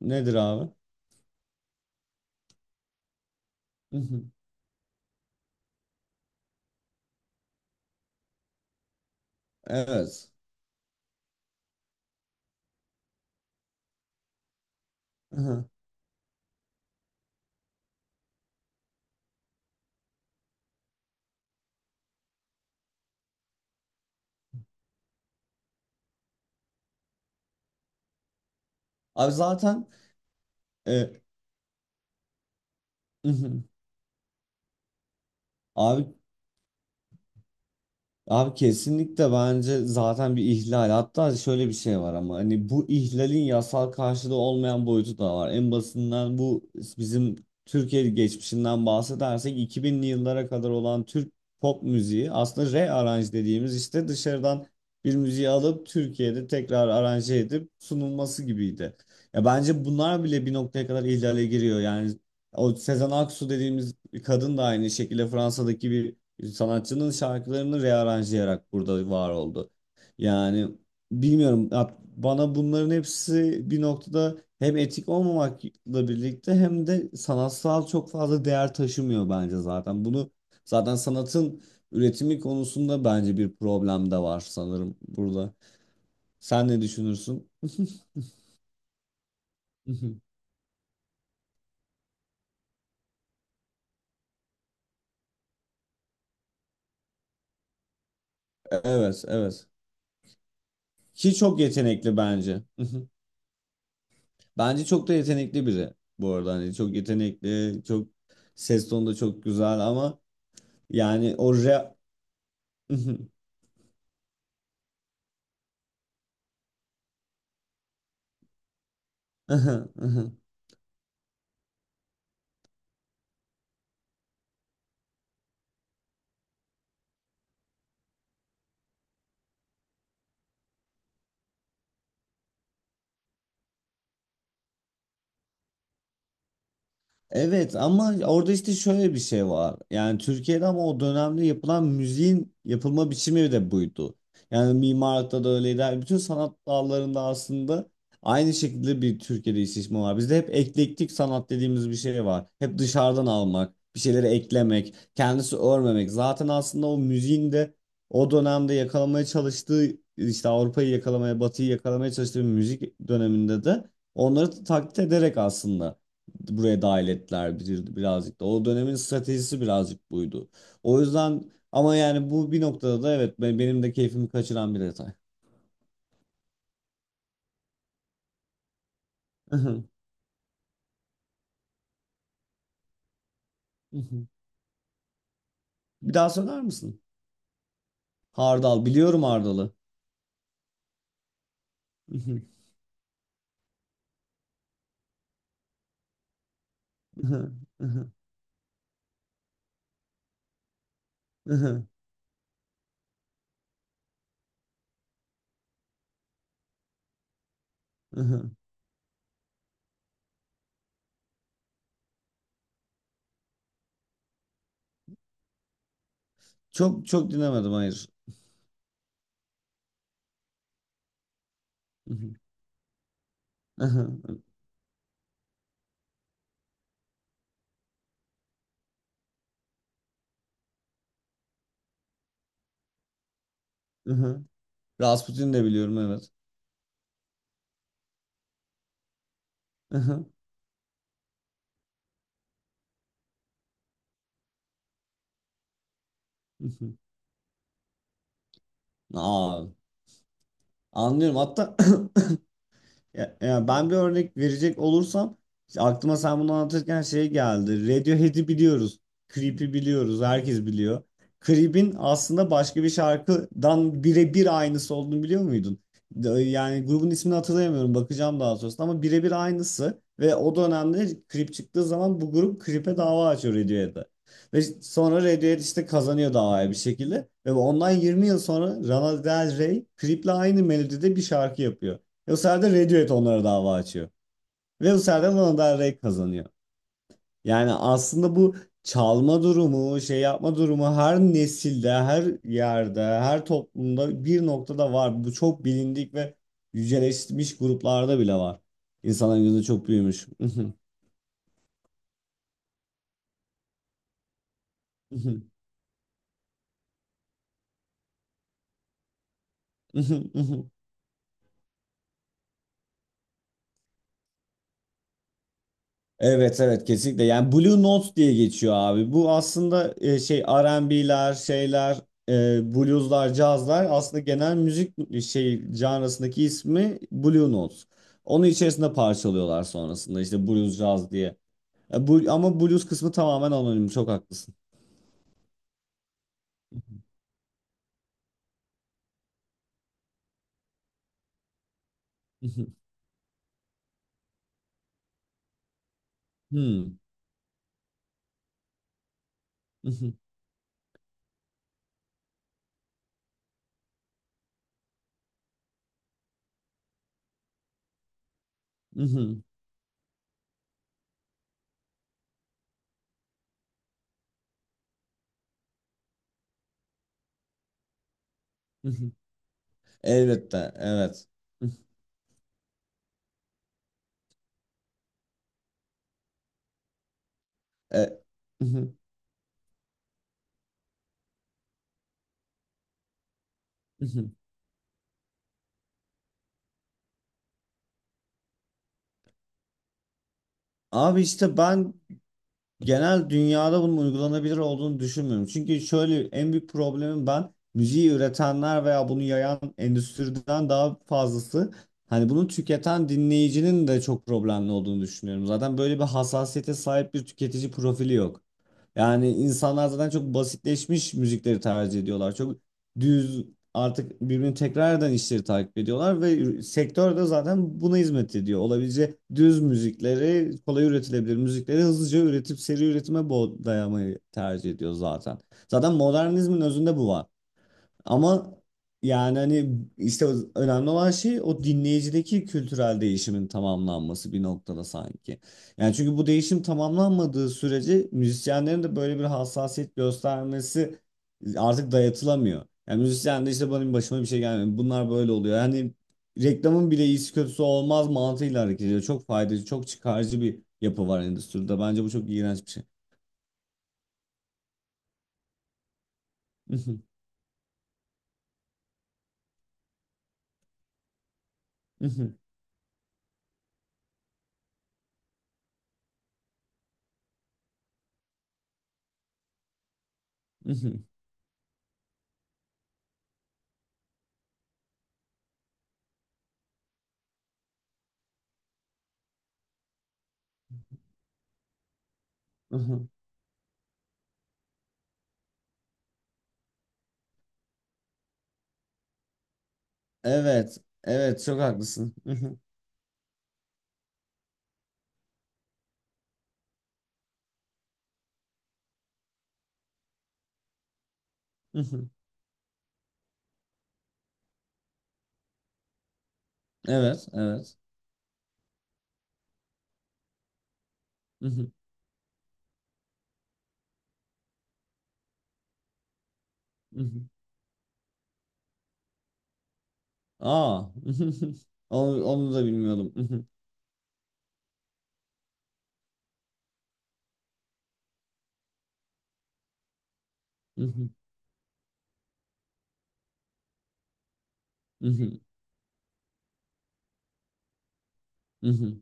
Nedir abi? Mhm. Evet. Mhm. Abi zaten e, mhm. Abi, abi kesinlikle bence zaten bir ihlal. Hatta şöyle bir şey var ama hani bu ihlalin yasal karşılığı olmayan boyutu da var. En basından bu bizim Türkiye geçmişinden bahsedersek 2000'li yıllara kadar olan Türk pop müziği aslında rearrange dediğimiz işte dışarıdan bir müziği alıp Türkiye'de tekrar aranje edip sunulması gibiydi. Ya bence bunlar bile bir noktaya kadar ihlale giriyor. Yani o Sezen Aksu dediğimiz kadın da aynı şekilde Fransa'daki bir sanatçının şarkılarını rearanjlayarak burada var oldu. Yani bilmiyorum ya bana bunların hepsi bir noktada hem etik olmamakla birlikte hem de sanatsal çok fazla değer taşımıyor bence zaten. Bunu zaten sanatın üretimi konusunda bence bir problem de var sanırım burada. Sen ne düşünürsün? Evet, evet. Ki çok yetenekli bence. Bence çok da yetenekli biri bu arada. Hani çok yetenekli, çok ses tonu da çok güzel ama yani o rap evet ama orada işte şöyle bir şey var. Yani Türkiye'de ama o dönemde yapılan müziğin yapılma biçimi de buydu. Yani mimarlıkta da öyleydi. Yani bütün sanat dallarında aslında aynı şekilde bir Türkiye'de istismar var. Bizde hep eklektik sanat dediğimiz bir şey var. Hep dışarıdan almak, bir şeyleri eklemek, kendisi örmemek. Zaten aslında o müziğin de o dönemde yakalamaya çalıştığı işte Avrupa'yı yakalamaya, Batı'yı yakalamaya çalıştığı bir müzik döneminde de onları taklit ederek aslında buraya dahil ettiler bir, birazcık da. O dönemin stratejisi birazcık buydu. O yüzden ama yani bu bir noktada da evet benim de keyfimi kaçıran bir detay. Bir daha söyler misin? Hardal biliyorum, Hardal'ı. Çok çok dinlemedim, hayır. Rasputin de biliyorum, evet. Aa, anlıyorum hatta ya, ya ben bir örnek verecek olursam işte aklıma sen bunu anlatırken şey geldi. Radiohead'i biliyoruz. Creep'i biliyoruz. Herkes biliyor. Creep'in aslında başka bir şarkıdan birebir aynısı olduğunu biliyor muydun? Yani grubun ismini hatırlayamıyorum. Bakacağım daha sonrasında ama birebir aynısı. Ve o dönemde Creep çıktığı zaman bu grup Creep'e dava açıyor Radiohead'e. Ve sonra Radiohead işte kazanıyor davayı bir şekilde. Ve ondan 20 yıl sonra Lana Del Rey Creep'le aynı melodide bir şarkı yapıyor. Bu sefer de Radiohead onlara dava açıyor. Ve bu sefer de Lana Del Rey kazanıyor. Yani aslında bu çalma durumu, şey yapma durumu her nesilde, her yerde, her toplumda bir noktada var. Bu çok bilindik ve yüceleşmiş gruplarda bile var. İnsanların gözü çok büyümüş. Evet, evet, kesinlikle. Yani Blue Note diye geçiyor abi. Bu aslında şey R&B'ler, şeyler, blueslar, cazlar aslında genel müzik şey janrasındaki ismi Blue Note. Onun içerisinde parçalıyorlar sonrasında işte blues, caz diye. Bu, ama blues kısmı tamamen anonim. Çok haklısın. Hmm. Elbette, evet. E, Abi işte ben genel dünyada bunun uygulanabilir olduğunu düşünmüyorum. Çünkü şöyle en büyük problemim, ben müziği üretenler veya bunu yayan endüstriden daha fazlası hani bunu tüketen dinleyicinin de çok problemli olduğunu düşünüyorum. Zaten böyle bir hassasiyete sahip bir tüketici profili yok. Yani insanlar zaten çok basitleşmiş müzikleri tercih ediyorlar. Çok düz, artık birbirini tekrar eden işleri takip ediyorlar ve sektör de zaten buna hizmet ediyor. Olabileceği düz müzikleri, kolay üretilebilir müzikleri hızlıca üretip seri üretime dayamayı tercih ediyor zaten. Zaten modernizmin özünde bu var. Ama yani hani işte önemli olan şey o dinleyicideki kültürel değişimin tamamlanması bir noktada sanki. Yani çünkü bu değişim tamamlanmadığı sürece müzisyenlerin de böyle bir hassasiyet göstermesi artık dayatılamıyor. Yani müzisyen de işte benim başıma bir şey gelmiyor. Bunlar böyle oluyor. Yani reklamın bile iyisi kötüsü olmaz mantığıyla hareket ediyor. Çok faydacı, çok çıkarcı bir yapı var endüstride. Bence bu çok iğrenç bir şey. Evet, evet, çok haklısın. Hı hı. Evet, evet. Hı hı, hı hı. Aa. Onu, onu da bilmiyordum. Hı hı, hı hı, hı hı,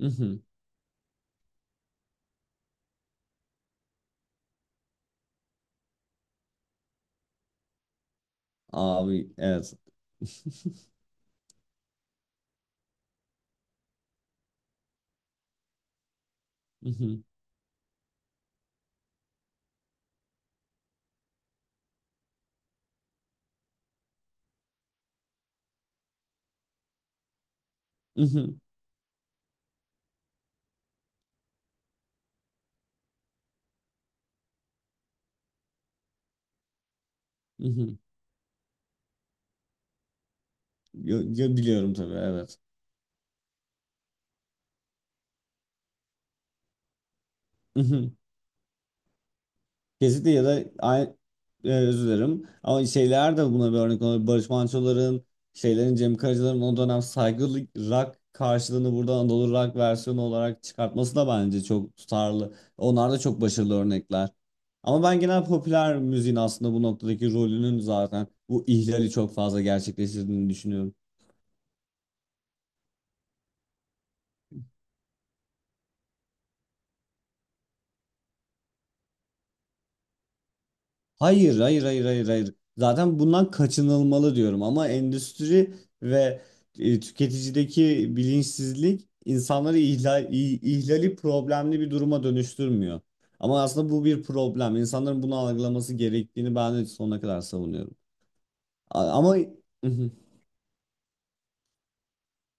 hı hı. Abi, evet. Hı hı, hı hı, hı hı. Biliyorum tabii, evet. Kesinlikle ya da aynı, özür dilerim. Ama şeyler de buna bir örnek olabilir. Barış Manço'ların, şeylerin, Cem Karaca'ların o dönem saygılı rock karşılığını burada Anadolu rock versiyonu olarak çıkartması da bence çok tutarlı. Onlar da çok başarılı örnekler. Ama ben genel popüler müziğin aslında bu noktadaki rolünün zaten bu ihlali çok fazla gerçekleştirdiğini düşünüyorum. Hayır, hayır, hayır, hayır, hayır. Zaten bundan kaçınılmalı diyorum ama endüstri ve tüketicideki bilinçsizlik insanları ihlali problemli bir duruma dönüştürmüyor. Ama aslında bu bir problem. İnsanların bunu algılaması gerektiğini ben de sonuna kadar savunuyorum. Ama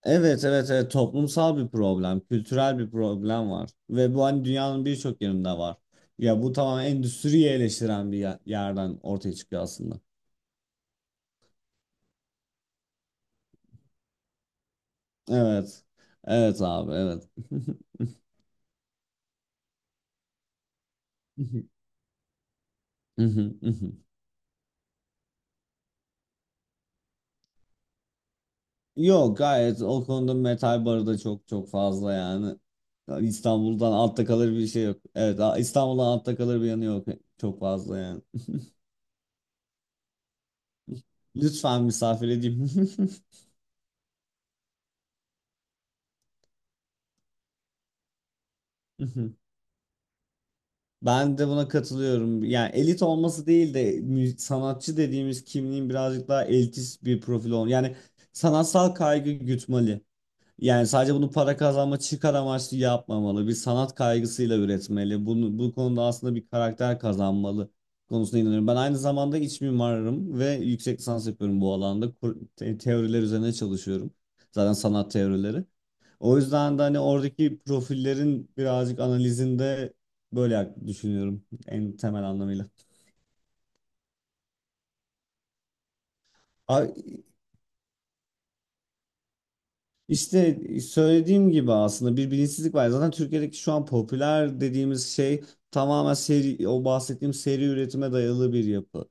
evet, evet, evet, toplumsal bir problem, kültürel bir problem var ve bu hani dünyanın birçok yerinde var. Ya bu tamamen endüstriyi eleştiren bir yerden ortaya çıkıyor aslında. Evet. Evet abi, evet. Yok, gayet o konuda metal barı da çok çok fazla yani. İstanbul'dan altta kalır bir şey yok. Evet, İstanbul'dan altta kalır bir yanı yok. Çok fazla yani. Lütfen misafir edeyim. Ben de buna katılıyorum. Yani elit olması değil de sanatçı dediğimiz kimliğin birazcık daha elitist bir profil olması. Yani sanatsal kaygı gütmeli. Yani sadece bunu para kazanma çıkar amaçlı yapmamalı. Bir sanat kaygısıyla üretmeli. Bunu, bu konuda aslında bir karakter kazanmalı konusuna inanıyorum. Ben aynı zamanda iç mimarım ve yüksek lisans yapıyorum bu alanda. Teoriler üzerine çalışıyorum. Zaten sanat teorileri. O yüzden de hani oradaki profillerin birazcık analizinde böyle düşünüyorum en temel anlamıyla. Abi, İşte söylediğim gibi aslında bir bilinçsizlik var. Zaten Türkiye'deki şu an popüler dediğimiz şey tamamen seri, o bahsettiğim seri üretime dayalı bir yapı.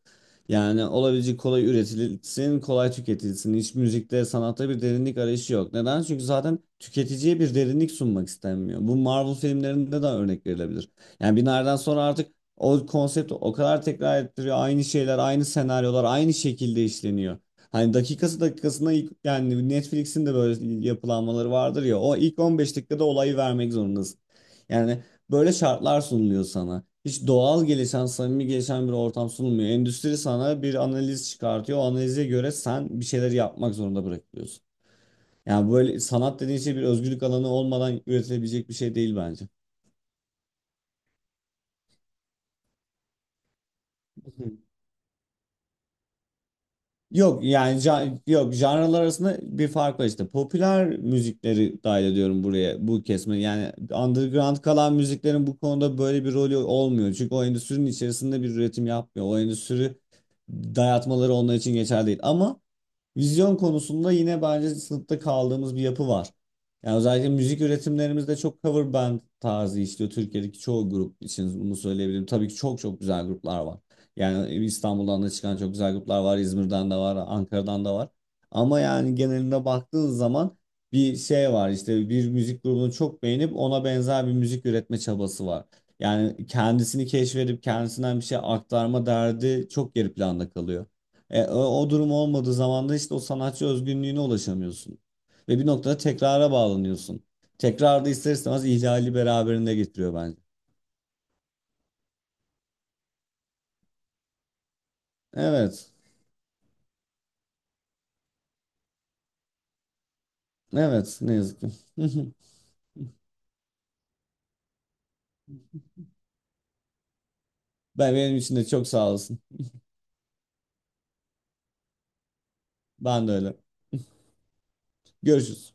Yani olabilecek kolay üretilsin, kolay tüketilsin. Hiç müzikte, sanatta bir derinlik arayışı yok. Neden? Çünkü zaten tüketiciye bir derinlik sunmak istenmiyor. Bu Marvel filmlerinde de örnek verilebilir. Yani bir nereden sonra artık o konsept o kadar tekrar ettiriyor. Aynı şeyler, aynı senaryolar, aynı şekilde işleniyor. Hani dakikası dakikasına ilk, yani Netflix'in de böyle yapılanmaları vardır ya, o ilk 15 dakikada olayı vermek zorundasın. Yani böyle şartlar sunuluyor sana. Hiç doğal gelişen, samimi gelişen bir ortam sunulmuyor. Endüstri sana bir analiz çıkartıyor. O analize göre sen bir şeyler yapmak zorunda bırakılıyorsun. Yani böyle sanat dediğin şey bir özgürlük alanı olmadan üretilebilecek bir şey değil bence. Yok yani yok, janralar arasında bir fark var işte. Popüler müzikleri dahil ediyorum buraya, bu kesme. Yani underground kalan müziklerin bu konuda böyle bir rolü olmuyor. Çünkü o endüstrinin içerisinde bir üretim yapmıyor. O endüstri dayatmaları onlar için geçerli değil. Ama vizyon konusunda yine bence sınıfta kaldığımız bir yapı var. Yani özellikle müzik üretimlerimizde çok cover band tarzı işliyor. Türkiye'deki çoğu grup için bunu söyleyebilirim. Tabii ki çok çok güzel gruplar var. Yani İstanbul'dan da çıkan çok güzel gruplar var. İzmir'den de var, Ankara'dan da var. Ama yani geneline baktığın zaman bir şey var. İşte bir müzik grubunu çok beğenip ona benzer bir müzik üretme çabası var. Yani kendisini keşfedip kendisinden bir şey aktarma derdi çok geri planda kalıyor. O durum olmadığı zaman da işte o sanatçı özgünlüğüne ulaşamıyorsun. Ve bir noktada tekrara bağlanıyorsun. Tekrar da ister istemez ihlali beraberinde getiriyor bence. Evet. Evet, ne yazık ki. Ben, benim için de çok sağ olasın. Ben de öyle. Görüşürüz.